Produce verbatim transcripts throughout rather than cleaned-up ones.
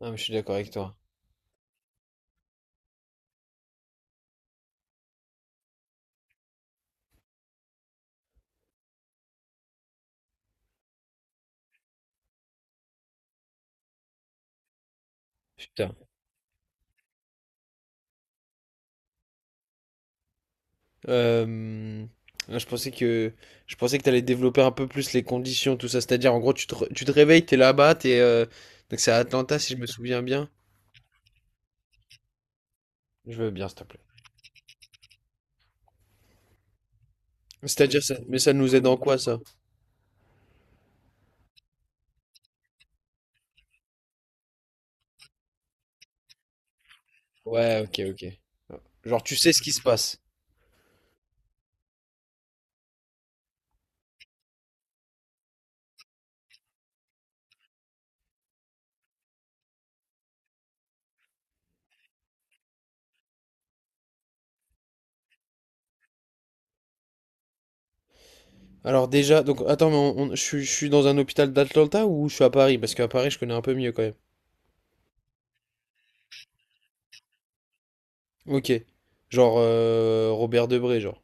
Non, mais je suis d'accord avec toi. Putain. Euh, Là, je pensais que je pensais que t'allais développer un peu plus les conditions, tout ça. C'est-à-dire, en gros, tu te, re- tu te réveilles, t'es là-bas, t'es euh, donc c'est à Atlanta, si je me souviens bien. Je veux bien, s'il te plaît. C'est-à-dire ça, mais ça nous aide en quoi ça? Ouais, ok, ok. Genre, tu sais ce qui se passe. Alors déjà, donc attends, mais on- on- je suis je suis dans un hôpital d'Atlanta ou je suis à Paris? Parce qu'à Paris, je connais un peu mieux quand même. Ok. Genre euh, Robert Debré, genre.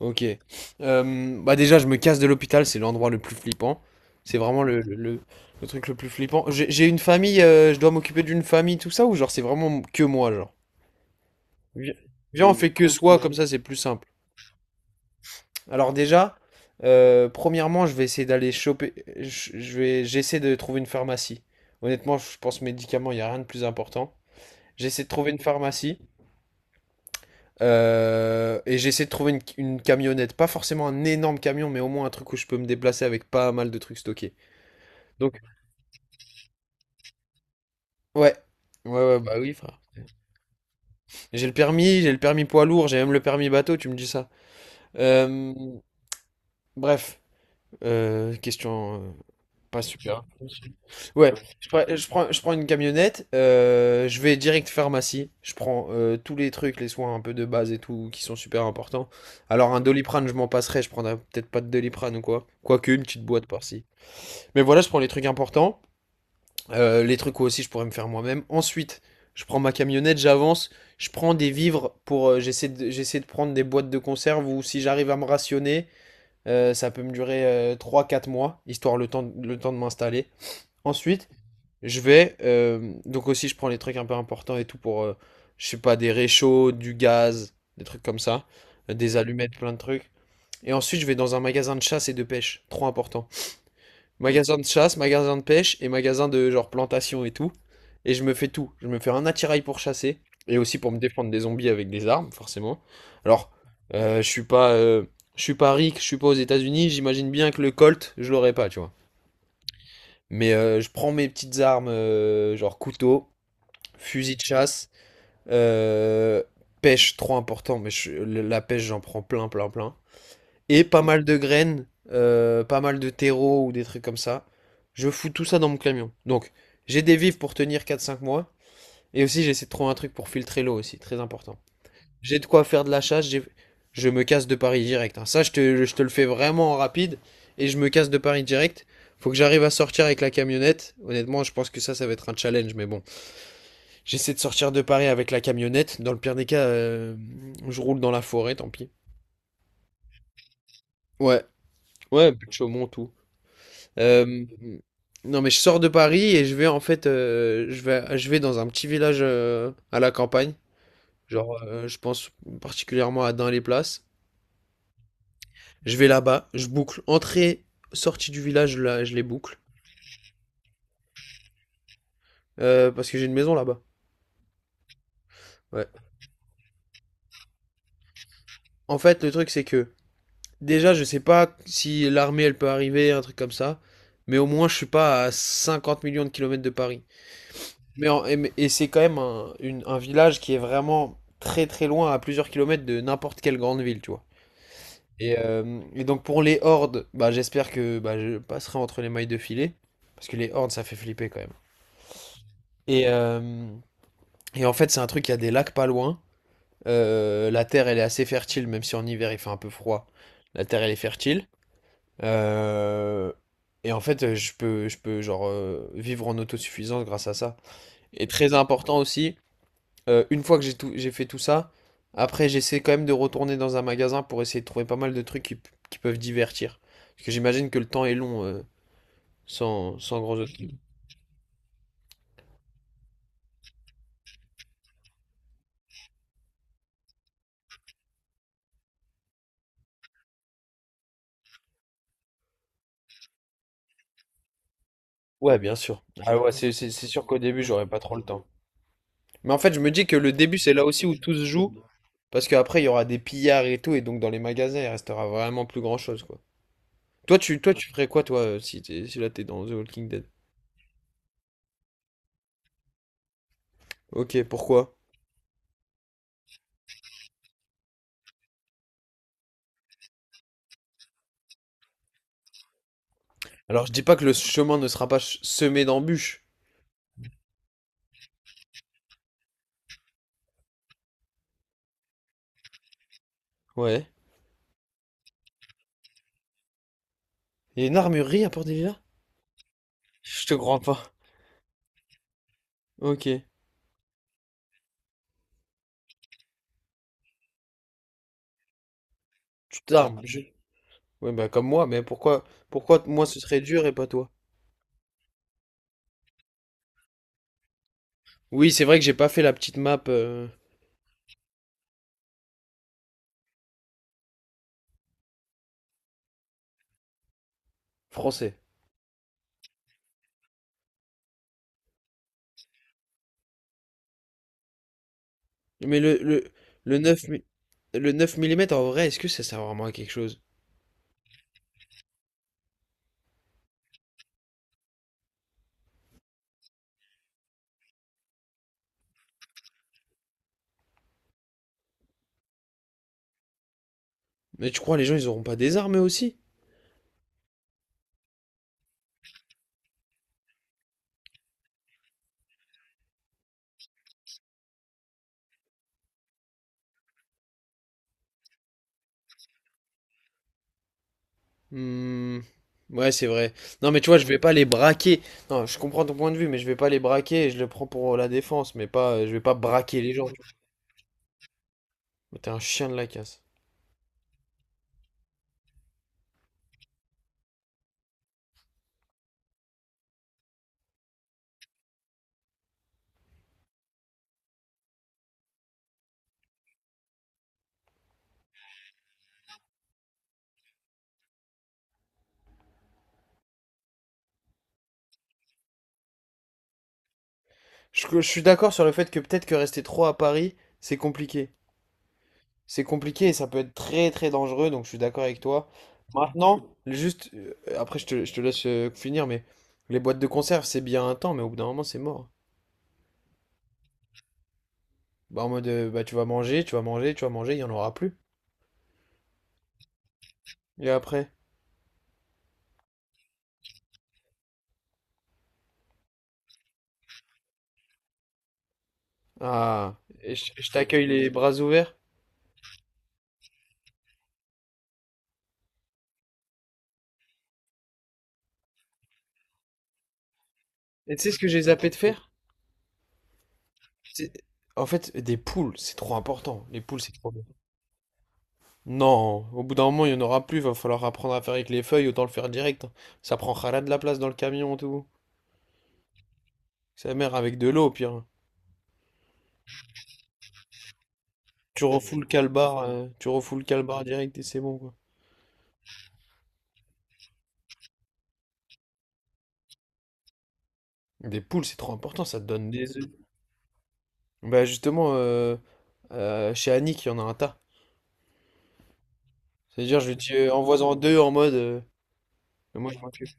Ok. Euh, bah déjà, je me casse de l'hôpital, c'est l'endroit le plus flippant. C'est vraiment le, le, le- le truc le plus flippant. J'ai j'ai une famille, euh, je dois m'occuper d'une famille, tout ça, ou genre c'est vraiment que moi, genre. Vi- Viens, on fait que soi, comme ça c'est plus simple. Alors déjà, euh, premièrement, je vais essayer d'aller choper, je je vais, j'essaie de trouver une pharmacie. Honnêtement, je pense médicaments, il n'y a rien de plus important. J'essaie de trouver une pharmacie. Euh, et j'ai essayé de trouver une, une camionnette, pas forcément un énorme camion, mais au moins un truc où je peux me déplacer avec pas mal de trucs stockés. Donc, ouais. Ouais, ouais, bah oui, frère. J'ai le permis, j'ai le permis poids lourd, j'ai même le permis bateau, tu me dis ça. Euh, Bref, euh, question euh, pas super. Ouais, je, prends, je prends- je prends une camionnette, euh, je vais direct pharmacie, je prends euh, tous les trucs, les soins un peu de base et tout, qui sont super importants. Alors un Doliprane, je m'en passerai, je prendrai peut-être pas de Doliprane ou quoi. Quoique une petite boîte par-ci. Mais voilà, je prends les trucs importants, euh, les trucs où aussi je pourrais me faire moi-même. Ensuite, je prends ma camionnette, j'avance, je prends des vivres pour. Euh, j'essaie de, j'essaie de prendre des boîtes de conserve ou si j'arrive à me rationner, euh, ça peut me durer euh, trois quatre mois, histoire le temps, le temps de m'installer. Ensuite, je vais. Euh, donc aussi, je prends les trucs un peu importants et tout pour. Euh, je sais pas, des réchauds, du gaz, des trucs comme ça, euh, des allumettes, plein de trucs. Et ensuite, je vais dans un magasin de chasse et de pêche, trop important. Magasin de chasse, magasin de pêche et magasin de genre plantation et tout. Et je me fais tout. Je me fais un attirail pour chasser et aussi pour me défendre des zombies avec des armes, forcément. Alors, euh, je suis pas, euh, je suis pas ric, je suis pas aux États-Unis. J'imagine bien que le Colt, je l'aurais pas, tu vois. Mais euh, je prends mes petites armes, euh, genre couteau, fusil de chasse, euh, pêche, trop important. Mais je- la pêche, j'en prends plein, plein, plein et pas mal de graines, euh, pas mal de terreau ou des trucs comme ça. Je fous tout ça dans mon camion. Donc, j'ai des vivres pour tenir quatre cinq mois. Et aussi, j'essaie de trouver un truc pour filtrer l'eau aussi, très important. J'ai de quoi faire de la chasse, j'ai- je me casse de Paris direct, hein. Ça, je te, je te le fais vraiment en rapide. Et je me casse de Paris direct. Faut que j'arrive à sortir avec la camionnette. Honnêtement, je pense que ça, ça va être un challenge. Mais bon, j'essaie de sortir de Paris avec la camionnette. Dans le pire des cas, euh, je roule dans la forêt, tant pis. Ouais, ouais, plus de Chaumont, tout. Euh, non, mais je sors de Paris et je vais en fait, euh, je vais, je vais dans un petit village euh, à la campagne. Genre, euh, je pense particulièrement à Dain-les-Places. Je vais là-bas, je boucle entrée, sortie du village, là, je les boucle. Euh, parce que j'ai une maison là-bas. Ouais. En fait, le truc c'est que déjà, je sais pas si l'armée elle peut arriver, un truc comme ça, mais au moins je suis pas à cinquante millions de kilomètres de Paris. Mais en- et mais- et c'est quand même un, une- un village qui est vraiment très très loin, à plusieurs kilomètres de n'importe quelle grande ville, tu vois. Et, euh, et donc pour les hordes, bah, j'espère que bah, je passerai entre les mailles de filet, parce que les hordes, ça fait flipper quand même. Et, euh, et en fait, c'est un truc, il y a des lacs pas loin. Euh, la terre, elle est assez fertile, même si en hiver, il fait un peu froid. La terre, elle est fertile. Euh, et en fait, je peux, je peux genre, euh, vivre en autosuffisance grâce à ça. Et très important aussi, Euh, une fois que j'ai tout, j'ai fait tout ça, après j'essaie quand même de retourner dans un magasin pour essayer de trouver pas mal de trucs qui, qui peuvent divertir. Parce que j'imagine que le temps est long euh, sans, sans grands autres. Ouais, bien sûr. Ah ouais, c'est c'est- c'est sûr qu'au début j'aurais pas trop le temps. Mais en fait, je me dis que le début c'est là aussi où tout se joue, parce qu'après il y aura des pillards et tout, et donc dans les magasins il restera vraiment plus grand-chose quoi. Toi tu, toi, tu ferais quoi toi euh, si, t'es- si là t'es dans The Walking Dead? Ok, pourquoi? Alors je dis pas que le chemin ne sera pas ch- semé d'embûches. Ouais. Il y a une armurerie à Port-Delilah? Je te crois pas. Ok. Tu... Ah, t'armes. Comme je- Ouais, bah comme moi, mais pourquoi, pourquoi t- moi ce serait dur et pas toi? Oui, c'est vrai que j'ai pas fait la petite map euh, français. Mais le, le, le neuf mi- le neuf millimètres en vrai, est-ce que ça sert vraiment à quelque chose? Mais tu crois les gens ils auront pas des armes eux aussi? Hmm, ouais, c'est vrai. Non, mais tu vois, je vais pas les braquer. Non, je comprends ton point de vue, mais je vais pas les braquer et je le prends pour la défense, mais pas, je vais pas braquer les gens. tu vois. Mais T'es un chien de la casse. Je, je suis d'accord sur le fait que peut-être que rester trop à Paris, c'est compliqué. C'est compliqué et ça peut être très très dangereux, donc je suis d'accord avec toi. Maintenant, juste, euh, après je te, je te laisse euh, finir, mais les boîtes de conserve, c'est bien un temps, mais au bout d'un moment, c'est mort. Bah, en mode, euh, bah, tu vas manger, tu vas manger, tu vas manger, il n'y en aura plus. Et après, ah, et je, je t'accueille les bras ouverts. Et tu sais ce que j'ai zappé de faire? C'est- En fait, des poules, c'est trop important. Les poules, c'est trop... Non, au bout d'un moment, il n'y en aura plus, va falloir apprendre à faire avec les feuilles, autant le faire direct. Ça prendra de la place dans le camion, tout. Sa mère avec de l'eau, au pire. Tu refoules le calbar, euh, tu refoules le calbar direct et c'est bon, quoi. Des poules, c'est trop important, ça te donne des œufs. Bah justement, euh, euh, chez Annick, il y en a un tas. C'est-à-dire, je lui dis, euh, envoie-en deux en mode... euh, Moi, je m'en fiche.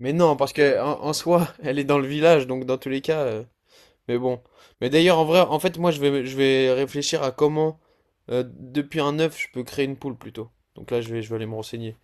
Mais non, parce que en, en soi, elle est dans le village, donc dans tous les cas, euh, Mais bon. Mais d'ailleurs, en vrai, en fait, moi, je vais, je vais réfléchir à comment, euh, depuis un œuf, je peux créer une poule plutôt. Donc là, je vais, je vais aller me renseigner.